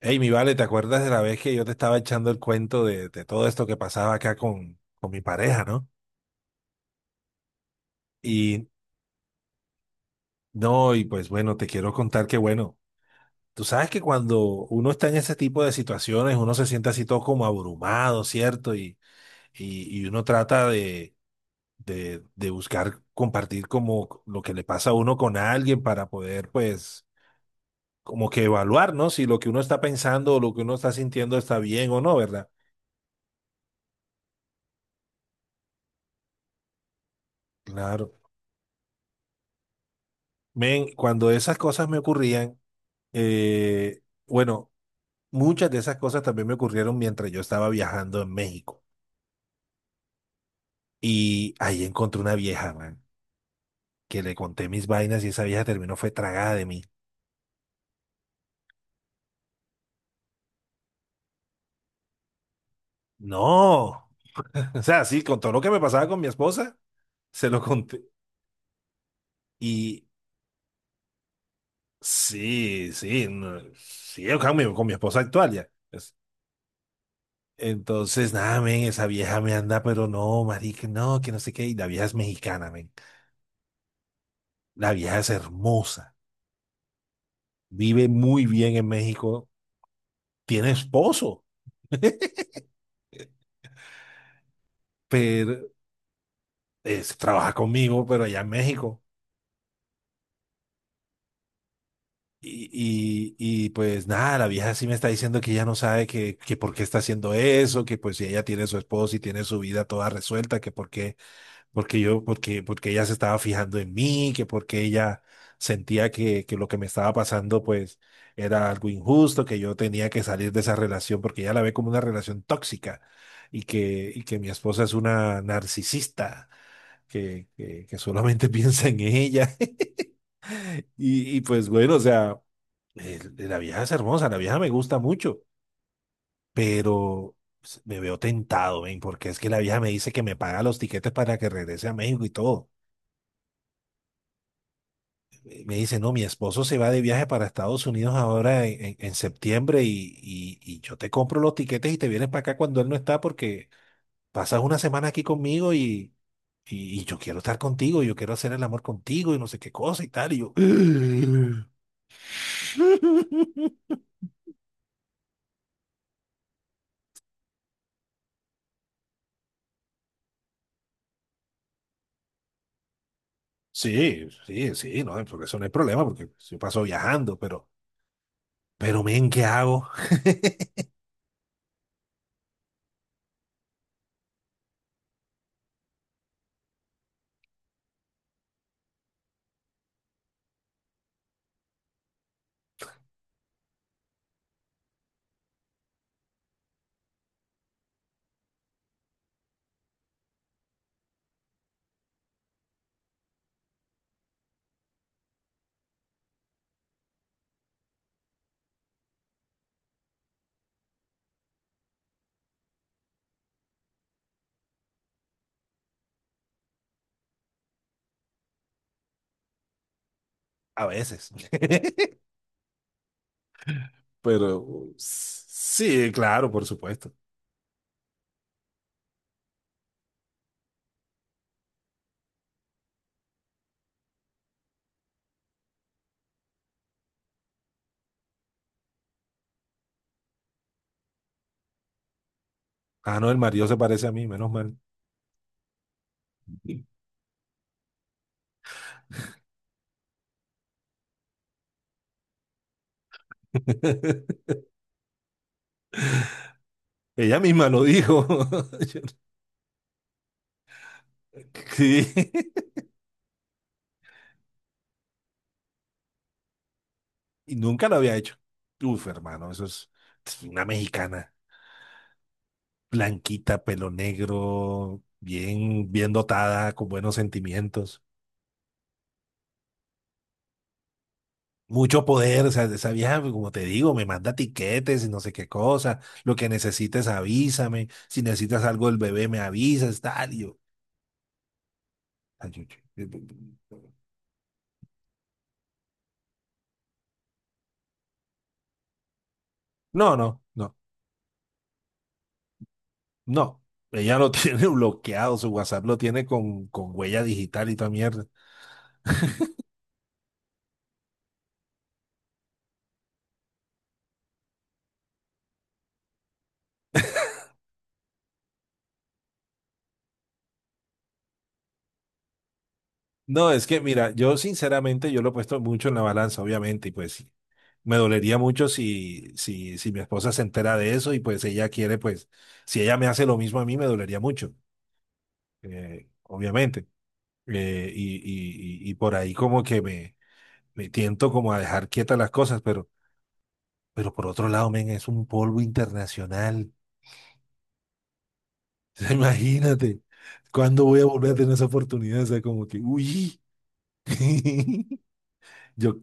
Hey, mi vale, ¿te acuerdas de la vez que yo te estaba echando el cuento de todo esto que pasaba acá con mi pareja, no? Y no, y pues bueno, te quiero contar que bueno, tú sabes que cuando uno está en ese tipo de situaciones, uno se siente así todo como abrumado, ¿cierto? Y uno trata de buscar compartir como lo que le pasa a uno con alguien para poder, pues, como que evaluar, ¿no? Si lo que uno está pensando o lo que uno está sintiendo está bien o no, ¿verdad? Claro. Men, cuando esas cosas me ocurrían, eh, bueno, muchas de esas cosas también me ocurrieron mientras yo estaba viajando en México. Y ahí encontré una vieja, man, que le conté mis vainas y esa vieja terminó fue tragada de mí. No. O sea, sí, con todo lo que me pasaba con mi esposa, se lo conté. Y sí, sí, no, sí, yo con mi esposa actual ya. Entonces, nada, men, esa vieja me anda, pero no, marica, no, que no sé qué. Y la vieja es mexicana, men. La vieja es hermosa, vive muy bien en México, tiene esposo, pero trabaja conmigo, pero allá en México. Y, y, pues nada, la vieja sí me está diciendo que ella no sabe que por qué está haciendo eso, que pues si ella tiene su esposo y tiene su vida toda resuelta, que por qué. Porque ella se estaba fijando en mí, que porque ella sentía que lo que me estaba pasando, pues, era algo injusto, que yo tenía que salir de esa relación, porque ella la ve como una relación tóxica, y que mi esposa es una narcisista, que solamente piensa en ella. Y pues bueno, o sea, la vieja es hermosa, la vieja me gusta mucho, pero pues, me veo tentado, ven, porque es que la vieja me dice que me paga los tiquetes para que regrese a México y todo. Me dice, no, mi esposo se va de viaje para Estados Unidos ahora en septiembre y yo te compro los tiquetes y te vienes para acá cuando él no está porque pasas una semana aquí conmigo y yo quiero estar contigo, yo quiero hacer el amor contigo y no sé qué cosa y tal. Y yo, sí, sí, sí, no, porque eso no hay problema porque yo paso viajando, pero, men, ¿qué hago? A veces. Pero sí, claro, por supuesto. Ah, no, el marido se parece a mí, menos mal. Ella misma lo dijo. No, sí. Y nunca lo había hecho. Uf, hermano, eso es una mexicana, blanquita, pelo negro, bien, bien dotada, con buenos sentimientos. Mucho poder, o sea, esa vieja, pues, como te digo, me manda tiquetes y no sé qué cosa. Lo que necesites, avísame. Si necesitas algo del bebé, me avisas, tal. Ay, yo- yo- no, no, no. No, ella lo tiene bloqueado, su WhatsApp lo tiene con, huella digital y toda mierda. No, es que mira, yo sinceramente yo lo he puesto mucho en la balanza, obviamente, y pues me dolería mucho si mi esposa se entera de eso y pues ella quiere, pues, si ella me hace lo mismo a mí, me dolería mucho, obviamente. Y por ahí como que me tiento como a dejar quietas las cosas, pero por otro lado, men, es un polvo internacional. Imagínate, ¿cuándo voy a volver a tener esa oportunidad? O sea, como que, uy, yo,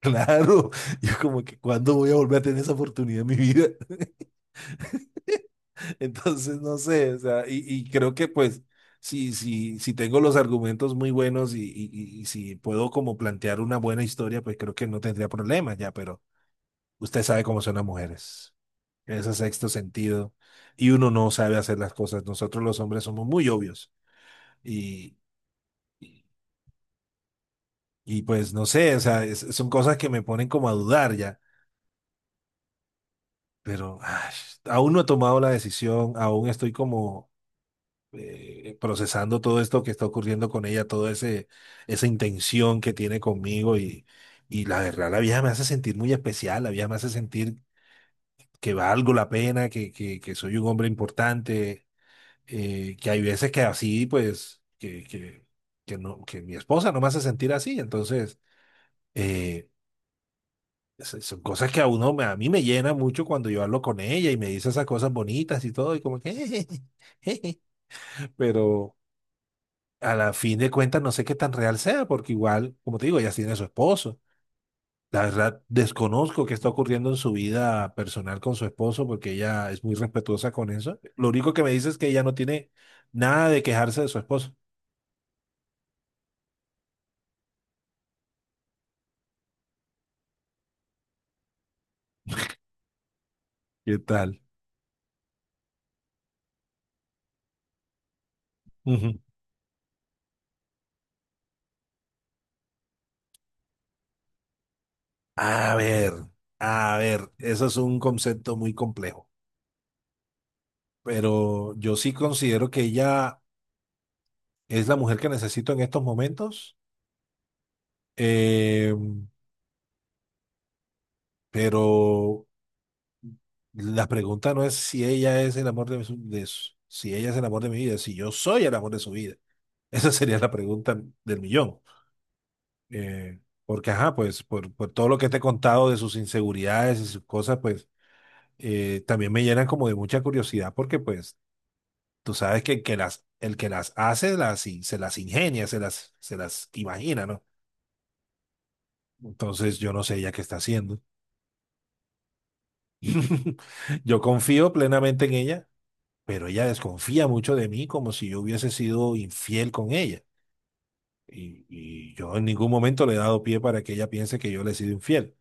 claro, yo como que, ¿cuándo voy a volver a tener esa oportunidad en mi vida? Entonces, no sé, o sea, y creo que pues, si tengo los argumentos muy buenos y si puedo como plantear una buena historia, pues creo que no tendría problemas ya, pero usted sabe cómo son las mujeres, ese sexto sentido, y uno no sabe hacer las cosas. Nosotros los hombres somos muy obvios y, y pues no sé, o sea, son cosas que me ponen como a dudar ya, pero ay, aún no he tomado la decisión, aún estoy como procesando todo esto que está ocurriendo con ella, toda ese, esa intención que tiene conmigo y la verdad, la vieja me hace sentir muy especial, la vieja me hace sentir que valgo la pena, que soy un hombre importante, que hay veces que así, pues, que no, que mi esposa no me hace sentir así, entonces. eh, son cosas que a uno, a mí me llena mucho cuando yo hablo con ella y me dice esas cosas bonitas y todo, y como que, jeje, pero a la fin de cuentas no sé qué tan real sea, porque igual, como te digo, ella tiene a su esposo. La verdad, desconozco qué está ocurriendo en su vida personal con su esposo, porque ella es muy respetuosa con eso. Lo único que me dice es que ella no tiene nada de quejarse de su esposo. ¿Qué tal? Ujú. A ver, a ver, eso es un concepto muy complejo, pero yo sí considero que ella es la mujer que necesito en estos momentos, eh, pero la pregunta no es si ella es el amor si ella es el amor de mi vida, si yo soy el amor de su vida. Esa sería la pregunta del millón. Eh, Porque, ajá, pues por todo lo que te he contado de sus inseguridades y sus cosas, pues también me llenan como de mucha curiosidad porque, pues, tú sabes que el que las hace, se las ingenia, se las imagina, ¿no? Entonces, yo no sé ella qué está haciendo. Yo confío plenamente en ella, pero ella desconfía mucho de mí como si yo hubiese sido infiel con ella. Y yo en ningún momento le he dado pie para que ella piense que yo le he sido infiel.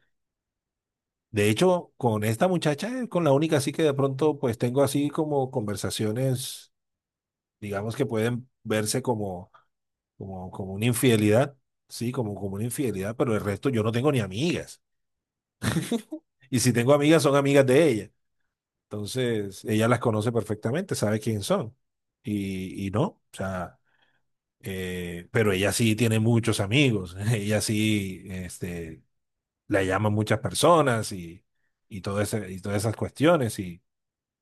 De hecho, con esta muchacha, es con la única así que de pronto pues tengo así como conversaciones, digamos que pueden verse como, como una infidelidad, sí, como una infidelidad, pero el resto yo no tengo ni amigas. Y si tengo amigas, son amigas de ella. Entonces, ella las conoce perfectamente, sabe quién son. Y no, o sea, pero ella sí tiene muchos amigos, ella sí, este, la llaman muchas personas y, y todas esas cuestiones. Y,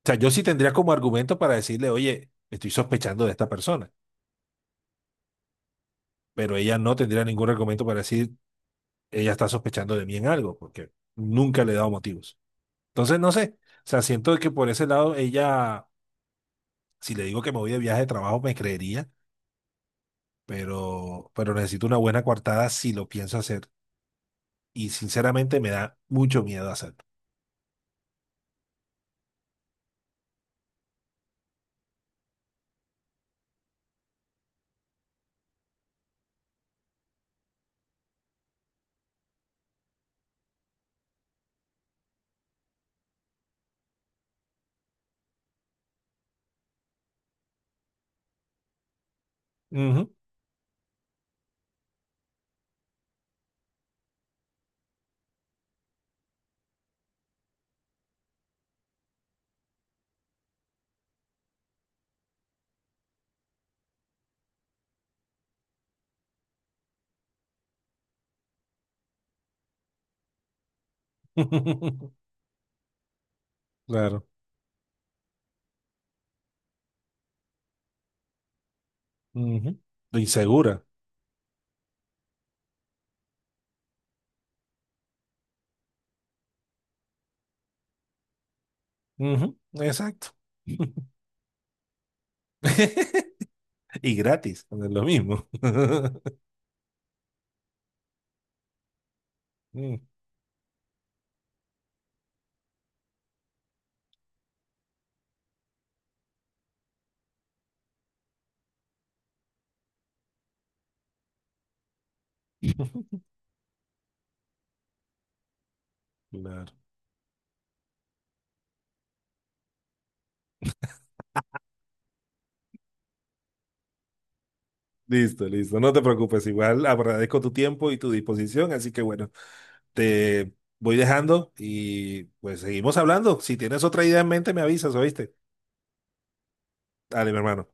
o sea, yo sí tendría como argumento para decirle, oye, estoy sospechando de esta persona, pero ella no tendría ningún argumento para decir, ella está sospechando de mí en algo, porque nunca le he dado motivos. Entonces, no sé, o sea, siento que por ese lado ella, si le digo que me voy de viaje de trabajo, me creería, pero necesito una buena coartada si lo pienso hacer. Y sinceramente me da mucho miedo hacerlo. Ujú. Claro. Ujú. Lo insegura. Ujú. Exacto. Y gratis, no es lo mismo. Mm. Claro. Listo, listo. No te preocupes, igual agradezco tu tiempo y tu disposición, así que bueno, te voy dejando y pues seguimos hablando. Si tienes otra idea en mente, me avisas, ¿oíste? Dale, mi hermano.